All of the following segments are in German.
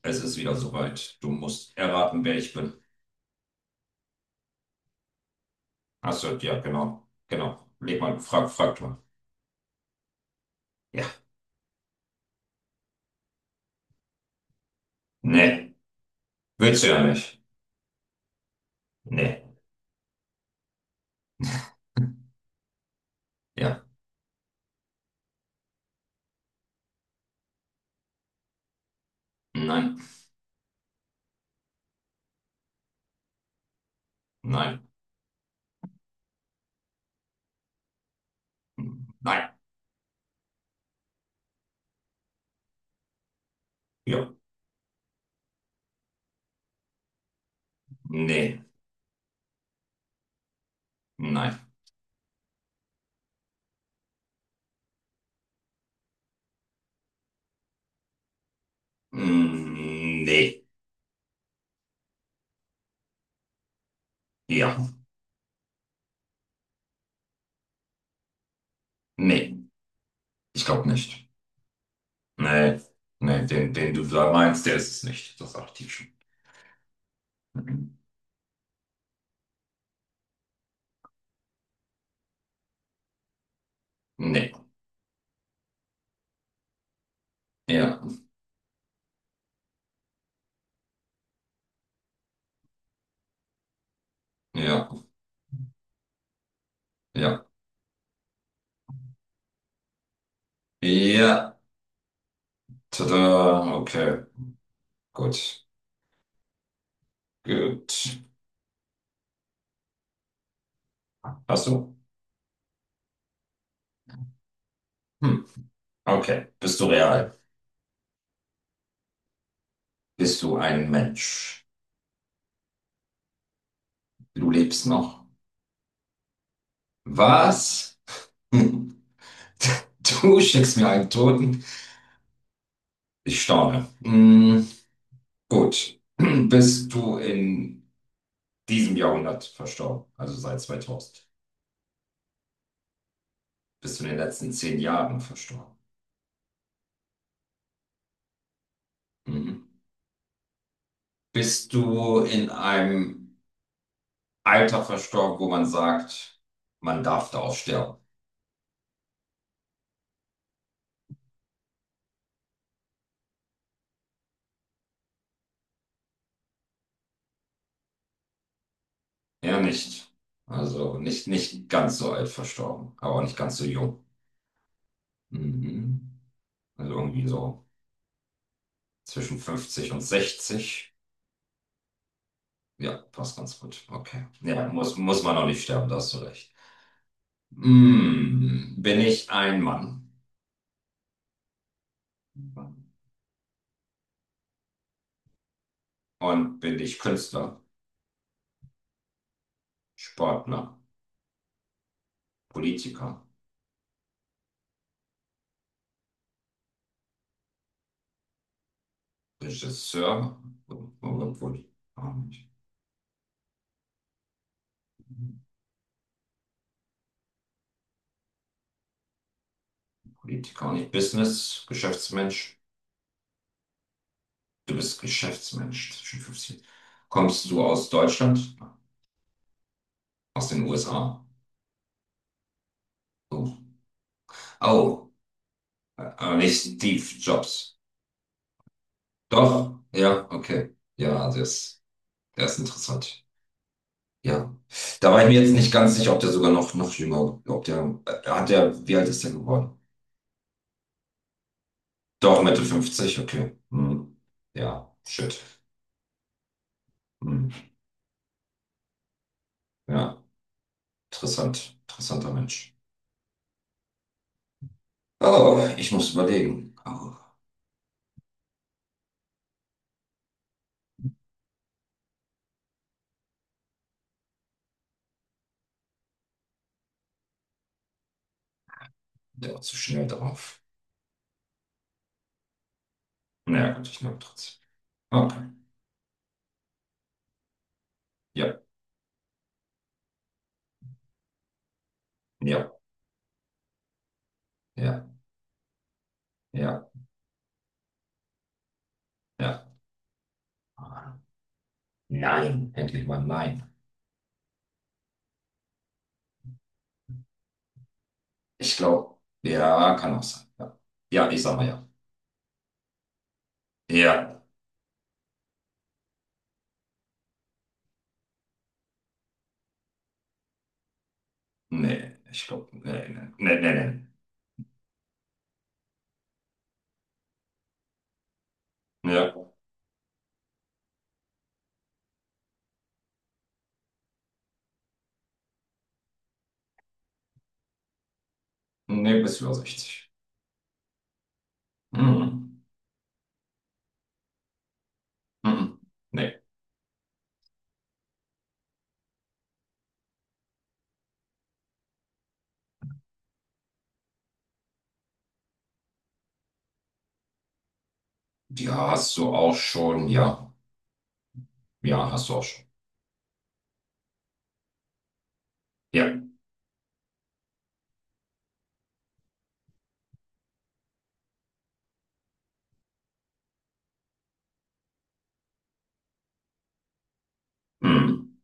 Es ist wieder soweit. Du musst erraten, wer ich bin. Achso, ja, genau. Genau. Leg mal, frag mal. Ja. Nee. Willst du ja nicht. Nee. Ja. Nein. Nein. Nein. Ja. Nee. Nein. Nee. Ja. Nee. Ich glaube nicht. Nee. Nee, den du da meinst, der ist es nicht. Das sag ich dir schon. Nee. Ja. Ja. Ja. Ja. Tada. Okay. Gut. Gut. Hast du? Hm. Okay. Bist du real? Bist du ein Mensch? Du lebst noch? Was? Hm. Du schickst mir einen Toten? Ich staune. Hm. Gut. Bist du in diesem Jahrhundert verstorben? Also seit 2000? Bist du in den letzten zehn Jahren verstorben? Mhm. Bist du in einem Alter verstorben, wo man sagt, man darf da auch sterben? Er nicht. Also nicht, nicht ganz so alt verstorben, aber auch nicht ganz so jung. Mhm. Also irgendwie so zwischen 50 und sechzig. Ja, passt ganz gut. Okay. Ja, muss man auch nicht sterben, da hast du recht. Hm, bin ich ein Mann? Und bin ich Künstler, Sportler, Politiker, Regisseur? Obwohl, auch nicht. Politiker, auch nicht Business, Geschäftsmensch. Du bist Geschäftsmensch, zwischen 15. Kommst du aus Deutschland? Aus den USA? Oh, oh, aber nicht Steve Jobs. Doch, ja, okay. Ja, der ist interessant. Ja. Da war ich mir jetzt nicht ganz sicher, ob der sogar noch, noch jünger, ob der, hat der, wie alt ist der geworden? Doch, Mitte 50, okay. Hm. Ja, shit. Hm. Ja, interessanter Mensch. Oh, ich muss überlegen. Oh, der war zu schnell drauf. Naja, gut, ich nehme trotzdem. Okay. Ja, ja, ja, ja, ja. Ah, nein, endlich mal nein. Ich glaube, ja, kann auch sein. Ja, ja, ich sag mal ja. Ja, nee, ich glaube, nee, nee, nee, nee. Ja, nee, bis über sechzig. Mhm. Mhm. Nee, die hast du auch schon, ja. Ja, hast du auch schon. Ja. Mhm.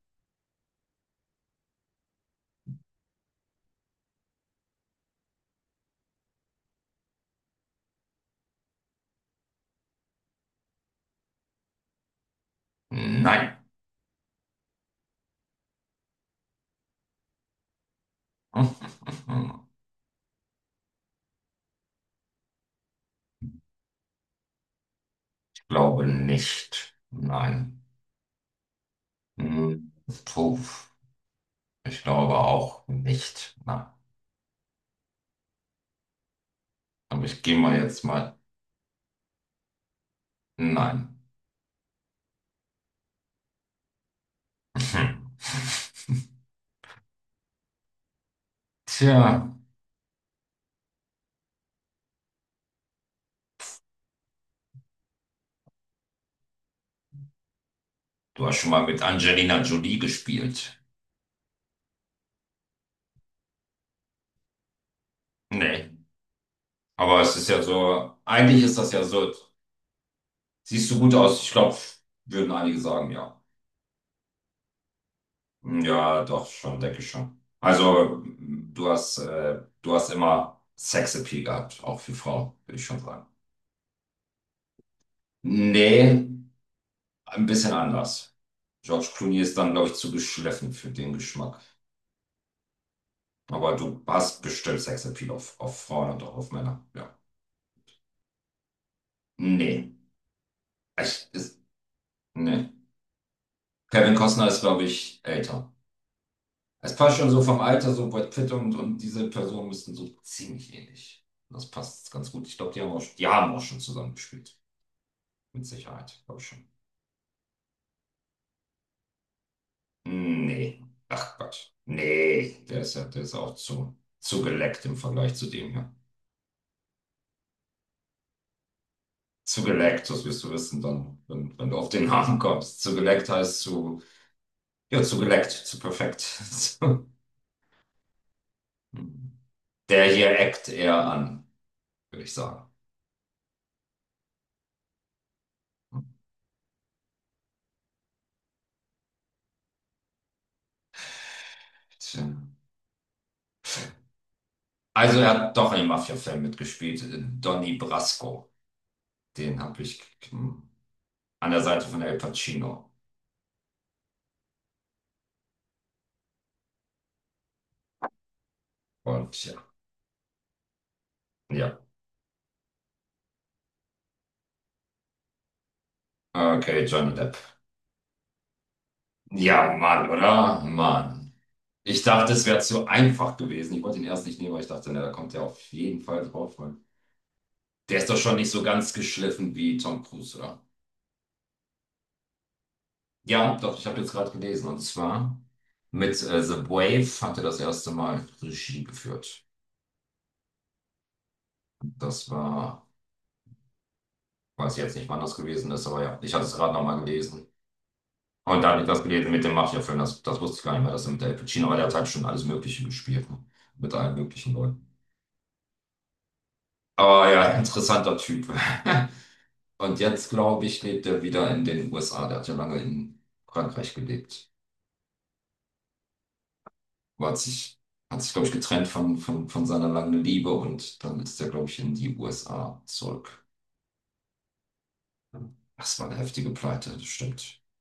Nein. Ich glaube nicht. Nein. Mhm. Puh. Ich glaube auch nicht. Nein. Aber ich gehe mal jetzt mal. Nein. Tja, du hast schon mal mit Angelina Jolie gespielt. Nee. Aber es ist ja so, eigentlich ist das ja so, siehst du gut aus. Ich glaube, würden einige sagen, ja. Ja, doch, schon, denke ich schon. Also, du hast immer Sexappeal gehabt, auch für Frauen, würde ich schon sagen. Nee, ein bisschen anders. George Clooney ist dann, glaube ich, zu geschliffen für den Geschmack. Aber du hast bestimmt Sexappeal auf Frauen und auch auf Männer. Ja. Nee. Ich, ist, nee. Kevin Costner ist, glaube ich, älter. Es passt schon so vom Alter, so Brad Pitt und diese Personen müssten so ziemlich ähnlich. Das passt ganz gut. Ich glaube, die haben auch schon zusammen gespielt. Mit Sicherheit, glaube ich schon. Nee. Ach Gott. Nee. Der ist ja auch zu geleckt im Vergleich zu dem hier. Zu geleckt, das wirst du wissen dann, wenn, wenn du auf den Namen kommst. Zu geleckt heißt zu Ja, zu geleckt, zu perfekt. Der hier eckt eher an, würde ich sagen. Tja. Also er hat doch einen Mafia-Film mitgespielt, Donnie Brasco. Den habe ich hm, an der Seite von El Pacino. Und ja, ja. Okay, Johnny Depp. Ja, Mann, oder? Mann. Ich dachte, es wäre zu einfach gewesen. Ich wollte ihn erst nicht nehmen, weil ich dachte, na, da kommt er auf jeden Fall drauf, weil der ist doch schon nicht so ganz geschliffen wie Tom Cruise, oder? Ja, doch, ich habe jetzt gerade gelesen. Und zwar mit The Wave hat er das erste Mal Regie geführt. Das war, weiß ich jetzt nicht, wann das gewesen ist, aber ja, ich hatte es gerade nochmal gelesen. Und da hatte ich das gelesen mit dem Mafia-Film, das wusste ich gar nicht mehr, dass er mit Al Pacino, aber der hat halt schon alles Mögliche gespielt, ne? Mit allen möglichen Leuten. Aber ja, interessanter Typ. Und jetzt, glaube ich, lebt er wieder in den USA. Der hat ja lange in Frankreich gelebt, aber hat sich, glaube ich, getrennt von seiner langen Liebe und dann ist er, glaube ich, in die USA zurück. Das war eine heftige Pleite, das stimmt.